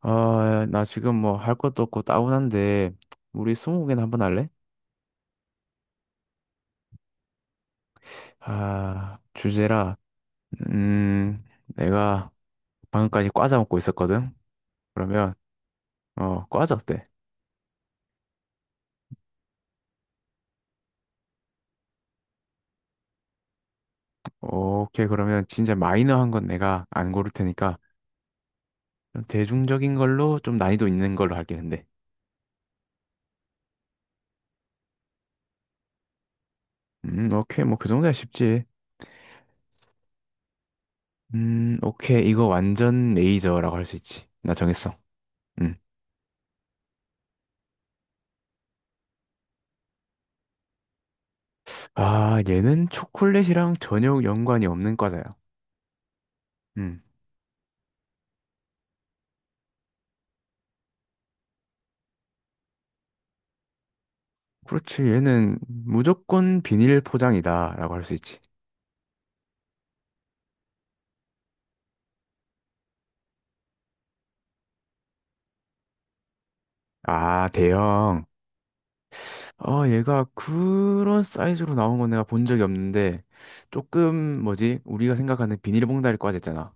아, 나 지금 뭐 할 것도 없고 따분한데, 우리 스무고개나 한번 할래? 아, 주제라, 음, 내가 방금까지 과자 먹고 있었거든? 그러면, 어, 과자 어때? 오케이, 그러면 진짜 마이너한 건 내가 안 고를 테니까, 좀 대중적인 걸로 좀 난이도 있는 걸로 할게, 근데. 오케이, 뭐 그 정도야 쉽지. 오케이, 이거 완전 레이저라고 할 수 있지. 나 정했어. 음. 아, 얘는 초콜릿이랑 전혀 연관이 없는 과자야. 음. 그렇지. 얘는 무조건 비닐 포장이다라고 할 수 있지. 아, 대형. 어, 얘가 그런 사이즈로 나온 건 내가 본 적이 없는데, 조금, 뭐지, 우리가 생각하는 비닐봉다리 과자 있잖아.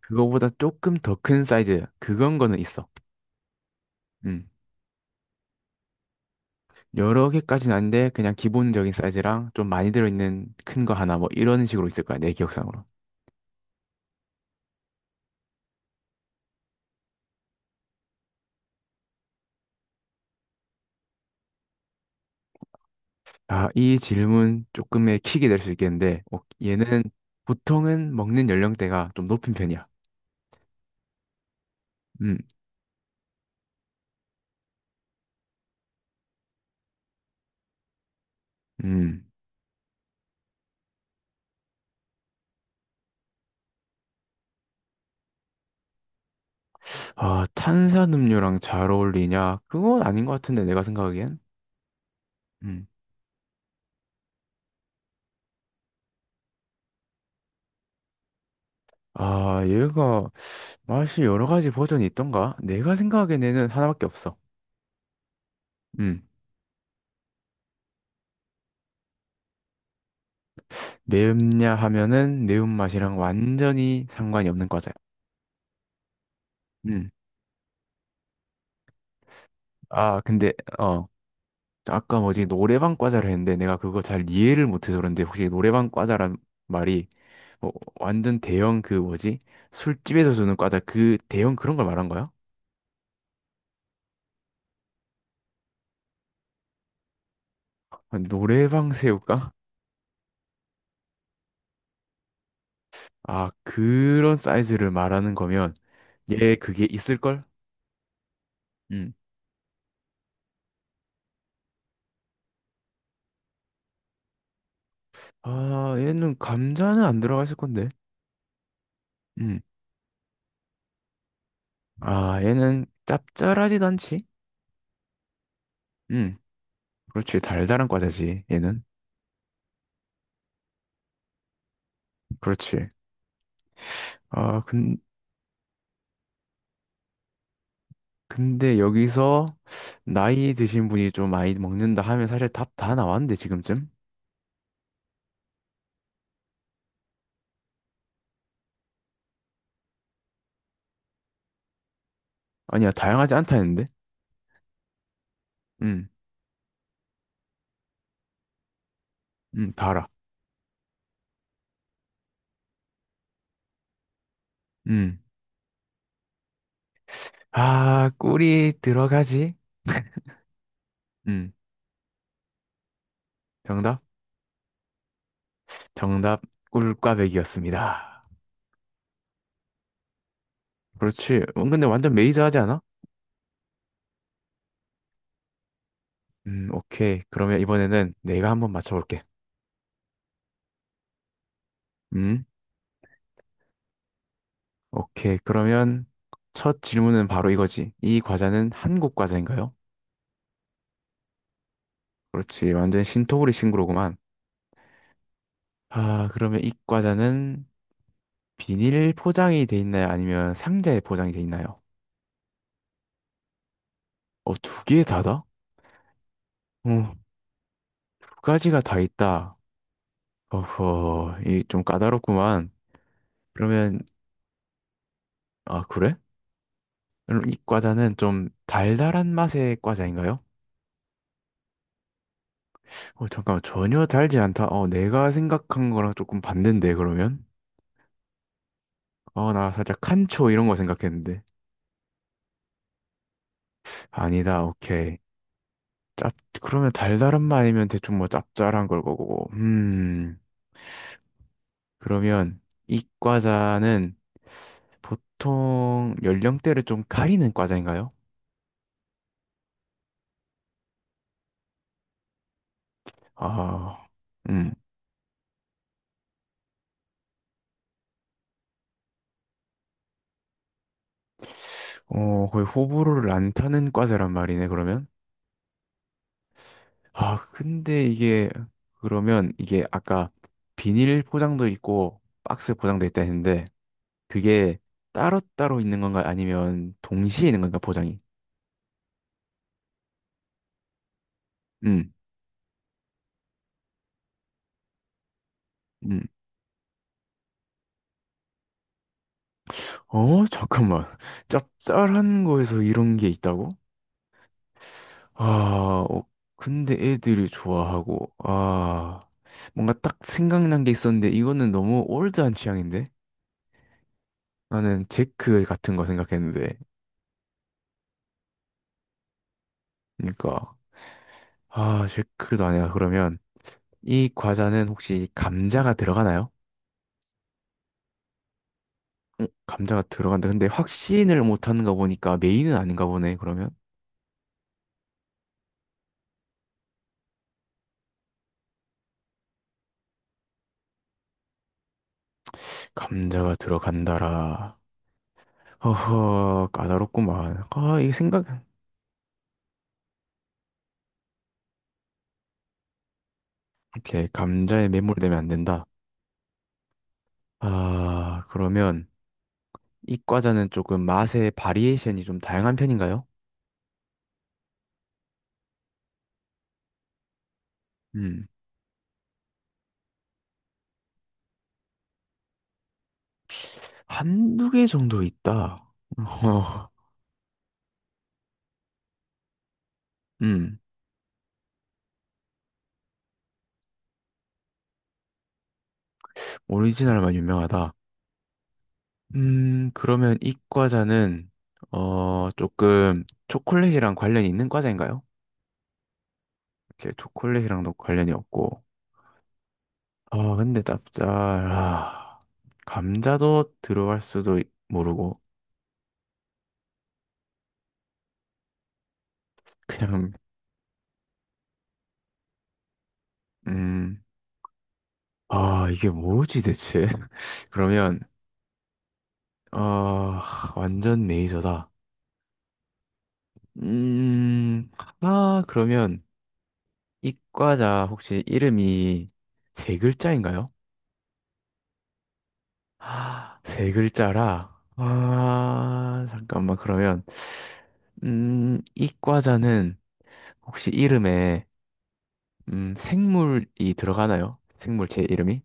그거보다 조금 더 큰 사이즈. 그건 거는 있어. 음. 여러 개까지는 아닌데, 그냥 기본적인 사이즈랑 좀 많이 들어있는 큰 거 하나, 뭐, 이런 식으로 있을 거야, 내 기억상으로. 아, 이 질문 조금의 킥이 될 수 있겠는데, 어, 얘는 보통은 먹는 연령대가 좀 높은 편이야. 음. 음. 아, 탄산음료랑 잘 어울리냐? 그건 아닌 것 같은데, 내가 생각하기엔. 음. 아, 얘가 맛이 여러 가지 버전이 있던가? 내가 생각하기엔 얘는 하나밖에 없어. 음. 매운냐 하면은 매운맛이랑 완전히 상관이 없는 과자야. 음. 아, 근데, 어. 아까 뭐지, 노래방 과자를 했는데 내가 그거 잘 이해를 못해서 그런데 혹시 노래방 과자란 말이 뭐 완전 대형 그 뭐지? 술집에서 주는 과자 그 대형 그런 걸 말한 거야? 노래방 새우깡? 아, 그런 사이즈를 말하는 거면 얘 그게 있을걸? 음. 아, 얘는 감자는 안 들어가 있을 건데. 음. 아, 얘는 짭짤하지도 않지? 음. 그렇지. 달달한 과자지, 얘는. 그렇지. 아, 근데 여기서 나이 드신 분이 좀 많이 먹는다 하면 사실 답 다 나왔는데, 지금쯤? 아니야, 다양하지 않다 했는데? 음. 다 알아. 음. 아, 꿀이 들어가지? 음. 정답? 정답, 꿀꽈배기였습니다. 그렇지. 근데 완전 메이저하지 않아? 오케이. 그러면 이번에는 내가 한번 맞춰볼게. 음, 오케이. 그러면 첫 질문은 바로 이거지. 이 과자는 한국 과자인가요? 그렇지. 완전 신토부리 신구로구만. 아, 그러면 이 과자는 비닐 포장이 돼 있나요? 아니면 상자에 포장이 돼 있나요? 어, 두 개 다다? 어, 두 가지가 다 있다. 어허, 이 좀 까다롭구만. 그러면, 아, 그래? 그럼 이 과자는 좀 달달한 맛의 과자인가요? 어, 잠깐만, 전혀 달지 않다. 어, 내가 생각한 거랑 조금 반대인데, 그러면? 어, 나 살짝 칸초 이런 거 생각했는데. 아니다, 오케이. 짭, 그러면 달달한 맛이면 대충 뭐 짭짤한 걸 거고. 그러면 이 과자는 보통 연령대를 좀 가리는 과자인가요? 아, 음. 어, 거의 호불호를 안 타는 과자란 말이네, 그러면? 아, 근데 이게 그러면 이게 아까 비닐 포장도 있고 박스 포장도 있다 했는데 그게 따로따로 있는 건가 아니면 동시에 있는 건가 포장이? 음. 음. 어, 잠깐만. 짭짤한 거에서 이런 게 있다고? 아, 어, 근데 애들이 좋아하고 아, 뭔가 딱 생각난 게 있었는데 이거는 너무 올드한 취향인데? 나는 제크 같은 거 생각했는데. 그러니까 아, 제크도 아니야. 그러면 이 과자는 혹시 감자가 들어가나요? 응, 감자가 들어간다. 근데 확신을 못하는 거 보니까 메인은 아닌가 보네, 그러면. 감자가 들어간다라. 허허, 까다롭구만. 아, 이게 생각, 이렇게 감자에 매몰되면 안 된다. 아, 그러면 이 과자는 조금 맛의 바리에이션이 좀 다양한 편인가요? 음, 한두 개 정도 있다. 어, 음, 오리지널만 유명하다. 그러면 이 과자는, 어, 조금 초콜릿이랑 관련이 있는 과자인가요? 이렇게 초콜릿이랑도 관련이 없고. 아, 근데 짭짤 아, 감자도 들어갈 수도 모르고, 그냥, 음, 아, 이게 뭐지 대체? 그러면, 어, 완전 메이저다. 음, 아, 그러면 이 과자 혹시 이름이 세 글자인가요? 아 세 글자라. 아, 잠깐만, 그러면, 이 과자는 혹시 이름에, 생물이 들어가나요? 생물체 이름이?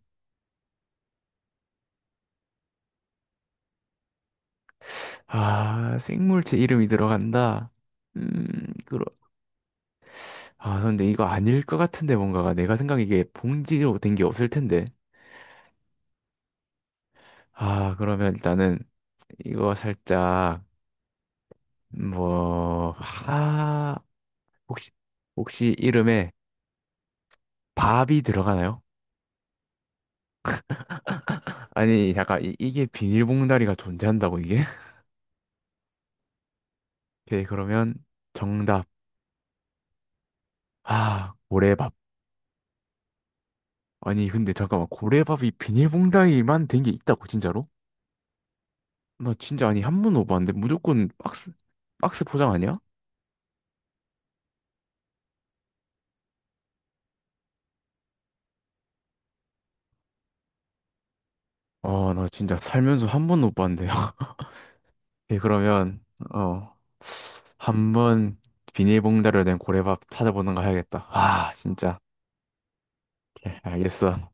아, 생물체 이름이 들어간다. 음, 그러, 아, 근데 이거 아닐 것 같은데, 뭔가가. 내가 생각하 이게 봉지로 된 게 없을 텐데. 아, 그러면 일단은 이거 살짝, 뭐, 아, 혹시, 혹시 이름에 밥이 들어가나요? 아니 잠깐 이게 비닐봉다리가 존재한다고 이게? 오케이 그러면 정답. 아 고래밥. 아니 근데 잠깐만 고래밥이 비닐봉다리만 된 게 있다고 진짜로? 나 진짜 아니 한 번도 못 봤는데 무조건 박스 포장 아니야? 어 나 진짜 살면서 한 번도 못 봤는데요 오케이 그러면 어 한번 비닐봉다리로 된 고래밥 찾아보는 거 해야겠다 아 진짜. 오케이 알겠어.